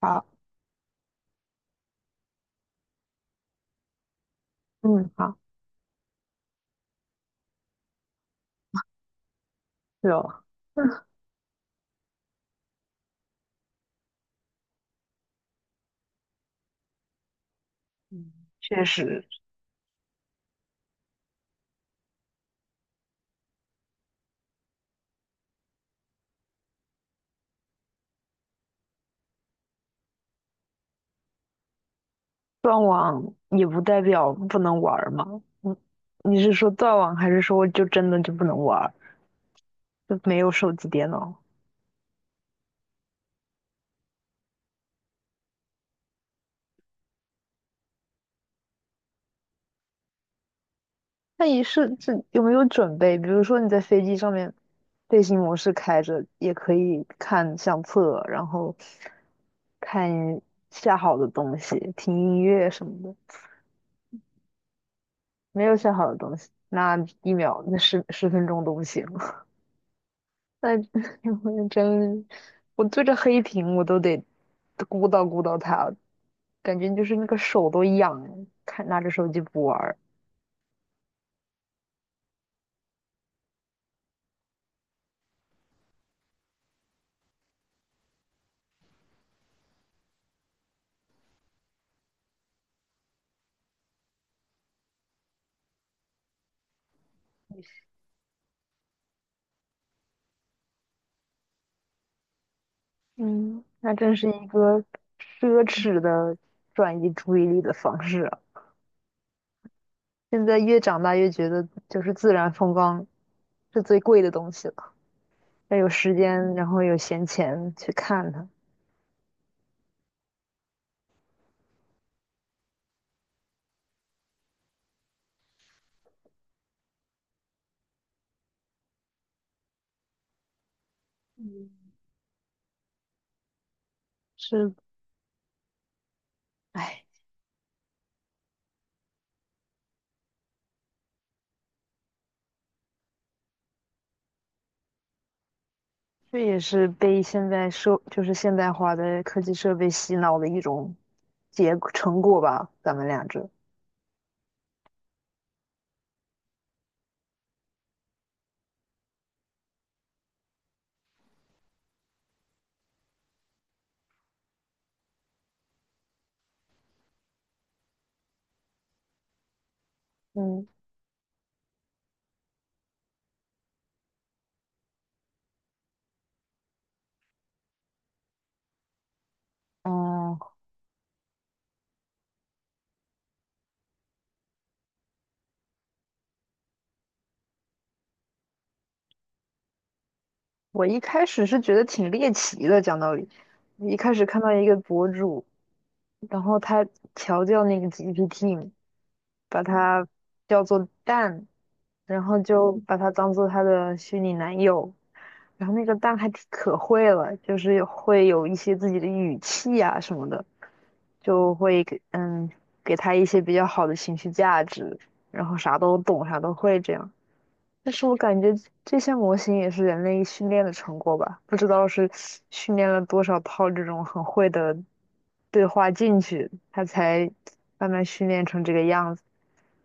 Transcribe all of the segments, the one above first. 好。嗯，好。是哦。嗯，确实。断网也不代表不能玩儿嘛。你你是说断网，还是说就真的就不能玩儿，就没有手机、电脑？那你是这有没有准备？比如说你在飞机上面，飞行模式开着，也可以看相册，然后看下好的东西，听音乐什么的。没有下好的东西，那一秒那十分钟都不行。那 我真，我对着黑屏我都得鼓捣鼓捣它，感觉就是那个手都痒，看拿着手机不玩儿。嗯，那真是一个奢侈的转移注意力的方式啊。现在越长大越觉得，就是自然风光是最贵的东西了，要有时间，然后有闲钱去看它。是。哎，这也是被现在社，就是现代化的科技设备洗脑的一种。结成果吧，咱们俩这。嗯嗯，我一开始是觉得挺猎奇的，讲道理，我一开始看到一个博主，然后他调教那个 GPT，把它叫做蛋，然后就把它当做他的虚拟男友。然后那个蛋还挺可会了，就是会有一些自己的语气啊什么的，就会给嗯给他一些比较好的情绪价值，然后啥都懂，啥都会这样。但是我感觉这些模型也是人类训练的成果吧，不知道是训练了多少套这种很会的对话进去，它才慢慢训练成这个样子。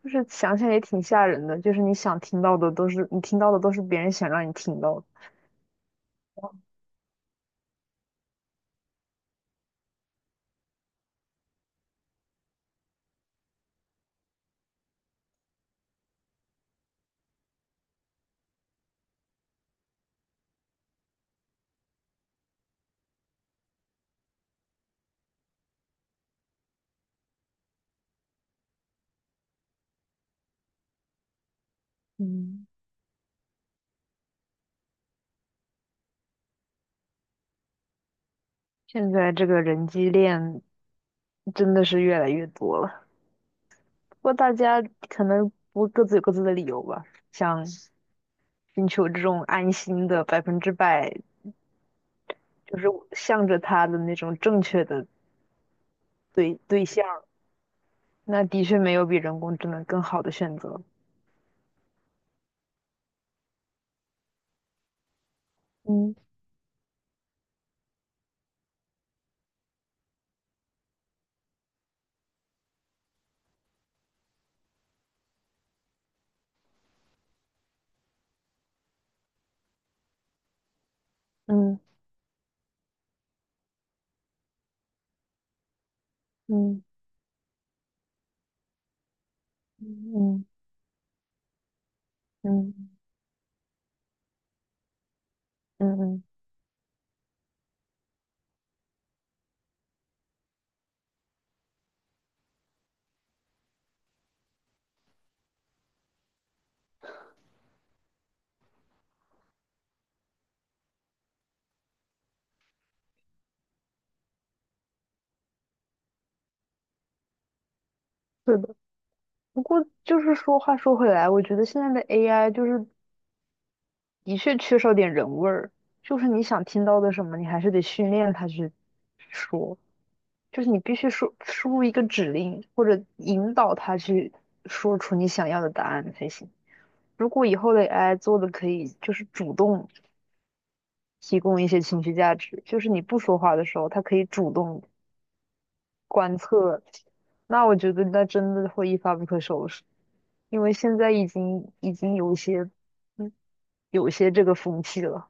就是想想也挺吓人的，就是你想听到的都是你听到的都是别人想让你听到的。嗯。现在这个人机恋真的是越来越多了，不过大家可能不各自有各自的理由吧，想寻求这种安心的100%，就是向着他的那种正确的对对象，那的确没有比人工智能更好的选择。嗯嗯嗯嗯嗯嗯嗯，对的。不过就是说话说回来，我觉得现在的 AI 就是的确缺少点人味儿，就是你想听到的什么，你还是得训练它去说，就是你必须输入一个指令或者引导它去说出你想要的答案才行。如果以后的 AI 做的可以就是主动提供一些情绪价值，就是你不说话的时候，他可以主动观测。那我觉得那真的会一发不可收拾，因为现在已经有一些，嗯，有一些这个风气了。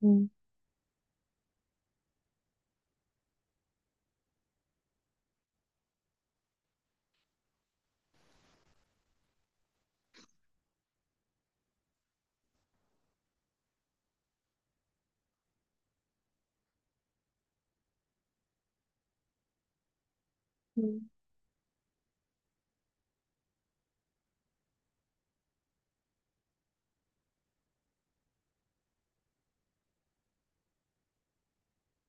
嗯嗯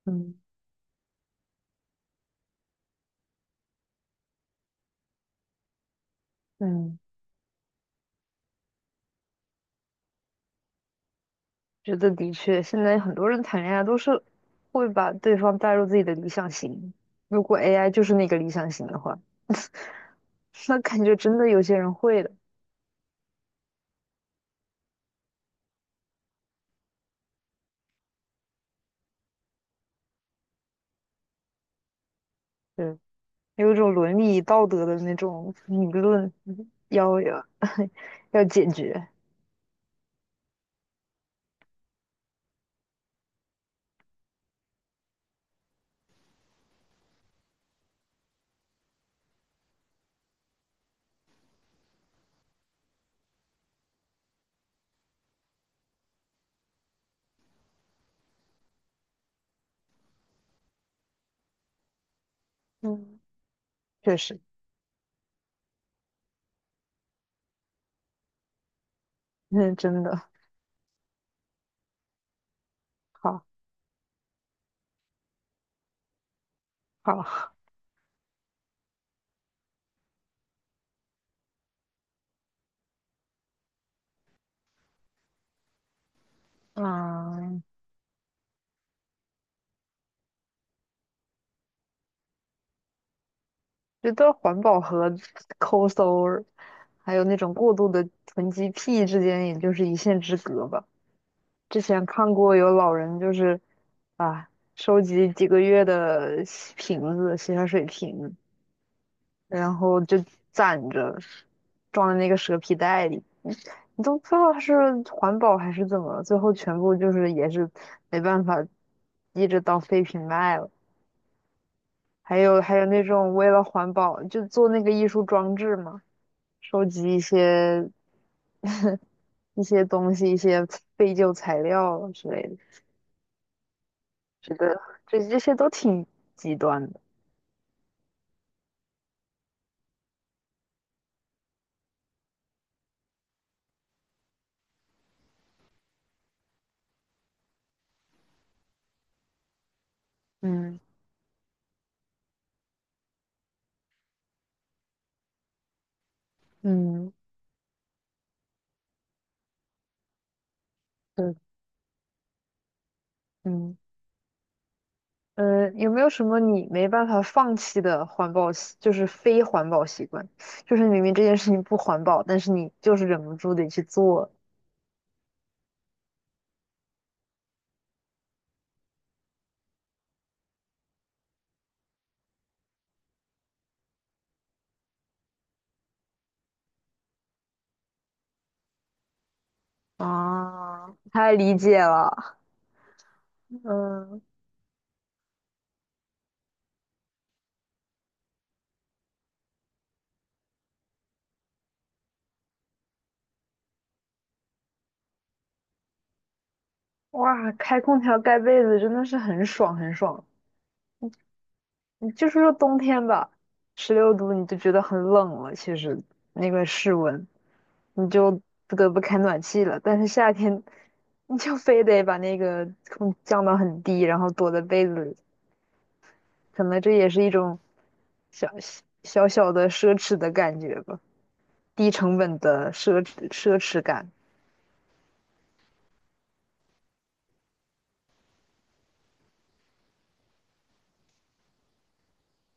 嗯嗯，觉得的确，现在很多人谈恋爱都是会把对方带入自己的理想型。如果 AI 就是那个理想型的话，那感觉真的有些人会的。对。有一种伦理道德的那种理论要 要解决。嗯，确实。嗯，真的。好，好。嗯，觉得环保和抠搜儿，还有那种过度的囤积癖之间，也就是一线之隔吧。之前看过有老人就是啊，收集几个月的洗瓶子、洗发水瓶，然后就攒着，装在那个蛇皮袋里。你都不知道它是环保还是怎么了，最后全部就是也是没办法，一直当废品卖了。还有那种为了环保就做那个艺术装置嘛，收集一些东西、一些废旧材料啊之类的，觉得这这些都挺极端的。嗯嗯，对。嗯有没有什么你没办法放弃的环保习，就是非环保习惯？就是明明这件事情不环保，但是你就是忍不住得去做。啊，太理解了。嗯，哇，开空调盖被子真的是很爽很爽。你就是说冬天吧，16度你就觉得很冷了，其实那个室温你就不得不开暖气了。但是夏天你就非得把那个空降到很低，然后躲在被子里，可能这也是一种小小小的奢侈的感觉吧，低成本的奢侈感。